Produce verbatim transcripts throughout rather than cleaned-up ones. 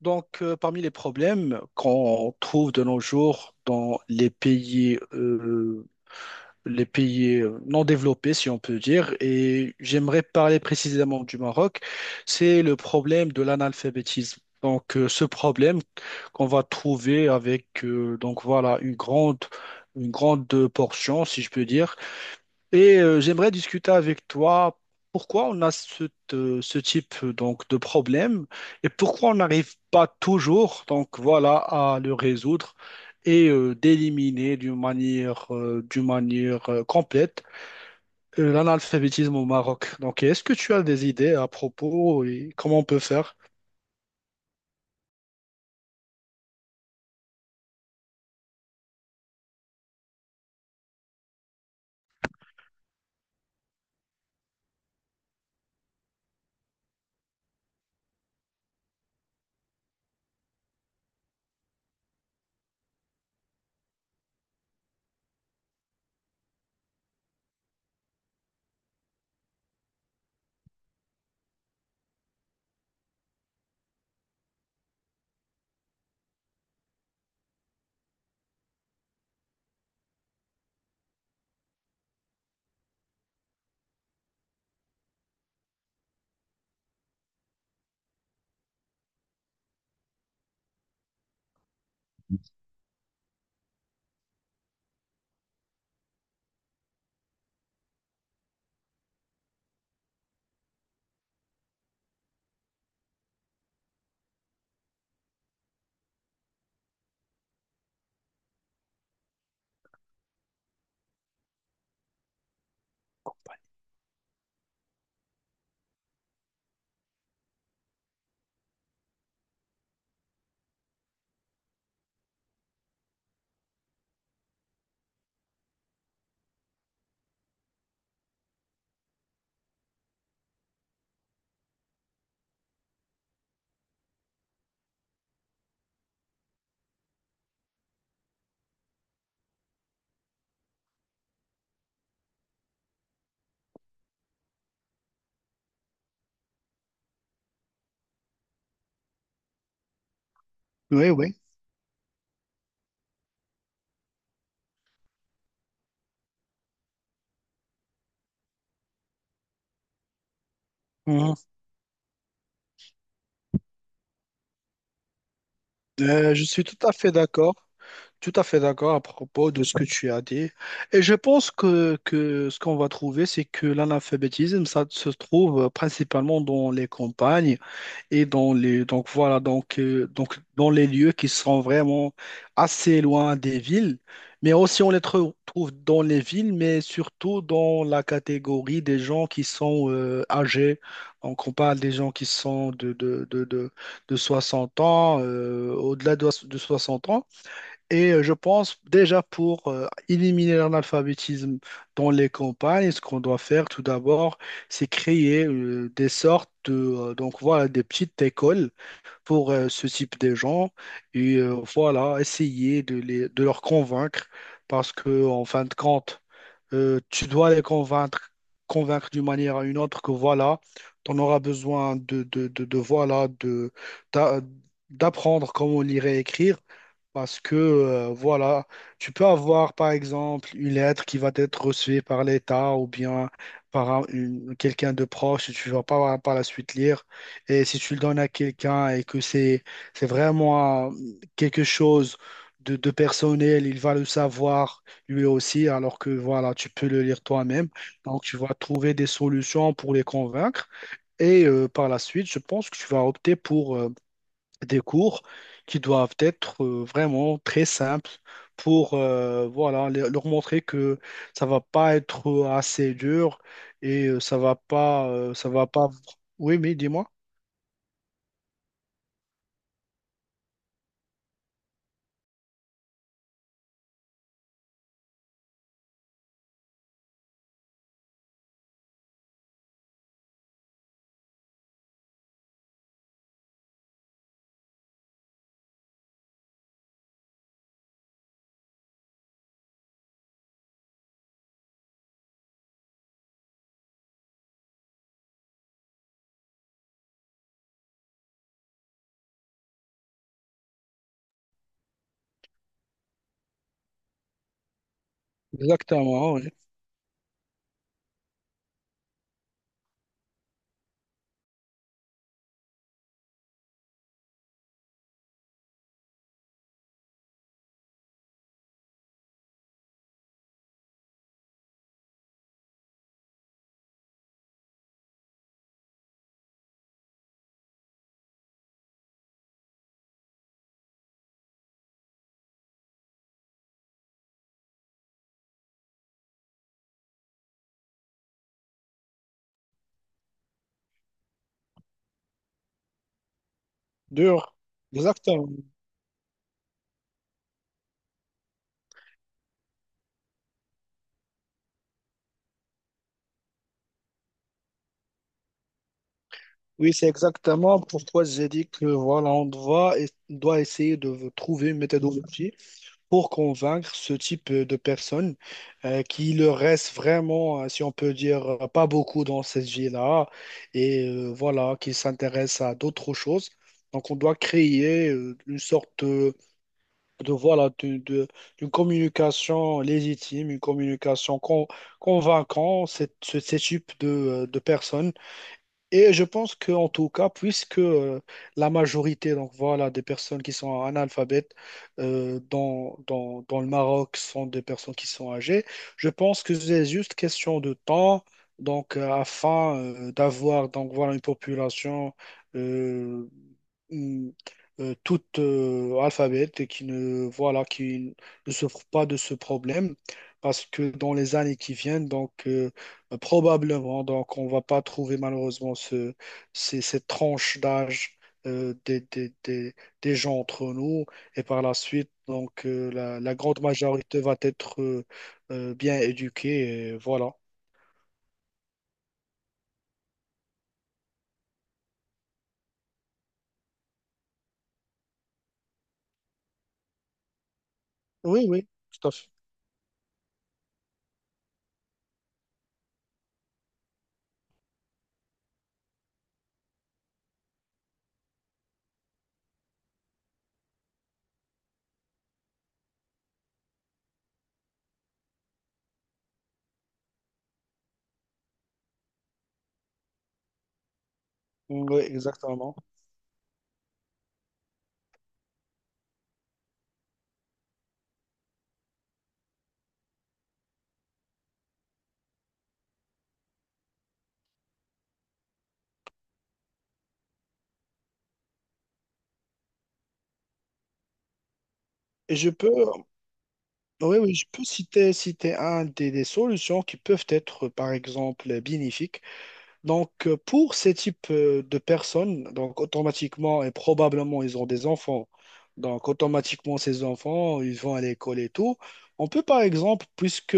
Donc, euh, parmi les problèmes qu'on trouve de nos jours dans les pays, euh, les pays euh, non développés, si on peut dire, et j'aimerais parler précisément du Maroc, c'est le problème de l'analphabétisme. Donc, euh, ce problème qu'on va trouver avec, euh, donc voilà, une grande, une grande portion, si je peux dire. Et euh, j'aimerais discuter avec toi pourquoi on a ce, te- ce type euh, donc de problème et pourquoi on n'arrive pas toujours donc voilà à le résoudre et euh, d'éliminer d'une manière euh, d'une manière euh, complète euh, l'analphabétisme au Maroc. Donc est-ce que tu as des idées à propos et comment on peut faire? Mhm. Euh, je suis tout à fait d'accord. Tout à fait d'accord à propos de ce que tu as dit. Et je pense que, que ce qu'on va trouver, c'est que l'analphabétisme, ça se trouve principalement dans les campagnes et dans les, donc voilà, donc, euh, donc dans les lieux qui sont vraiment assez loin des villes. Mais aussi, on les trou- trouve dans les villes, mais surtout dans la catégorie des gens qui sont euh, âgés. Donc, on parle des gens qui sont de, de, de, de, de 60 ans, euh, au-delà de de soixante ans. Et euh, je pense déjà pour euh, éliminer l'analphabétisme dans les campagnes, ce qu'on doit faire tout d'abord, c'est créer euh, des sortes de euh, donc voilà des petites écoles pour euh, ce type de gens et euh, voilà essayer de les de leur convaincre parce que en fin de compte euh, tu dois les convaincre, convaincre d'une manière ou une autre que voilà, tu en auras besoin de, de, de, de, voilà, de, d'a- d'apprendre comment lire et écrire. Parce que, euh, voilà, tu peux avoir, par exemple, une lettre qui va être reçue par l'État ou bien par un- une- quelqu'un de proche et tu ne vas pas par la suite lire. Et si tu le donnes à quelqu'un et que c'est, c'est vraiment euh, quelque chose de, de personnel, il va le savoir lui aussi, alors que voilà, tu peux le lire toi-même. Donc, tu vas trouver des solutions pour les convaincre. Et euh, par la suite, je pense que tu vas opter pour euh, des cours qui doivent être euh, vraiment très simples pour euh, voilà, le- leur montrer que ça va pas être euh, assez dur et euh, ça va pas, euh, ça va pas. Oui, mais dis-moi. Exactement, oui. Dur. Exactement. Oui, c'est exactement pourquoi j'ai dit que voilà, on doit, on doit essayer de trouver une méthodologie pour convaincre ce type euh, de personnes euh, qui leur reste vraiment, euh, si on peut dire, euh, pas beaucoup dans cette vie-là et euh, voilà, qui s'intéressent à d'autres choses. Donc, on doit créer euh, une sorte de, de, voilà, de, de- d'une communication légitime, une communication con- convaincante, ce, ce type de, euh, de personnes et je pense que en tout cas, puisque euh, la majorité donc voilà des personnes qui sont analphabètes euh, dans, dans, dans le Maroc sont des personnes qui sont âgées, je pense que c'est juste question de temps donc euh, afin euh, d'avoir donc voilà une population euh, hum, euh, toute euh, alphabète et qui ne voilà qui ne souffre pas de ce problème parce que dans les années qui viennent donc euh, euh, probablement, donc on va pas trouver malheureusement ce, ces, cette tranche d'âge euh, des, des, des, des gens entre nous. Et par la suite, donc euh, la, la grande majorité va être euh, euh, bien éduquée. Et voilà. Oui, oui, tout à fait. Oui, exactement. Et je peux, oui, oui, je peux citer, citer un des, des solutions qui peuvent être, par exemple, bénéfiques. Donc, euh, pour ces types euh, de personnes, donc automatiquement et probablement, ils ont des enfants. Donc, automatiquement, ces enfants, ils vont à l'école et tout. On peut, par exemple, puisque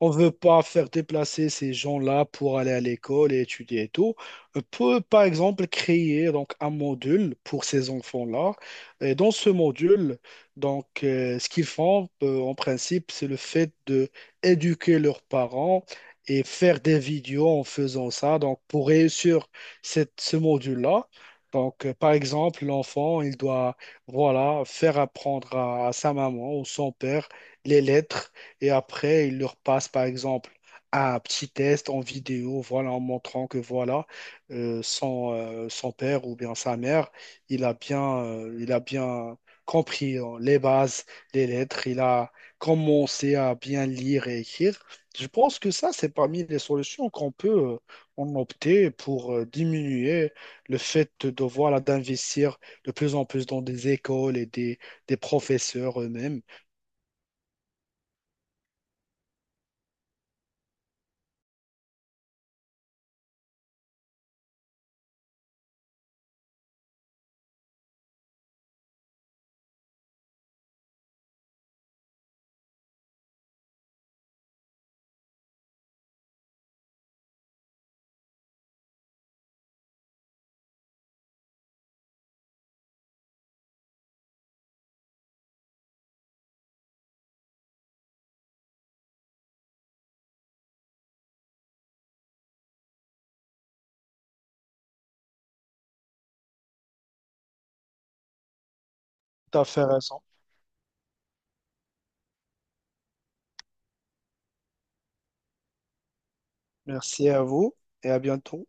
on veut pas faire déplacer ces gens-là pour aller à l'école et étudier et tout. On peut, par exemple, créer donc un module pour ces enfants-là. Et dans ce module, donc, euh, ce qu'ils font, euh, en principe, c'est le fait de éduquer leurs parents et faire des vidéos en faisant ça. Donc, pour réussir cette, ce module-là, donc, euh, par exemple, l'enfant, il doit, voilà, faire apprendre à à sa maman ou son père les lettres et après, il leur passe, par exemple, un petit test en vidéo, voilà, en montrant que voilà, euh, son, euh, son père ou bien sa mère, il a bien, euh, il a bien compris hein, les bases, les lettres, il a commencé à bien lire et écrire. Je pense que ça, c'est parmi les solutions qu'on peut euh, en opter pour euh, diminuer le fait de devoir là, d'investir de plus en plus dans des écoles et des, des professeurs eux-mêmes. Tout à fait raison. Merci à vous et à bientôt.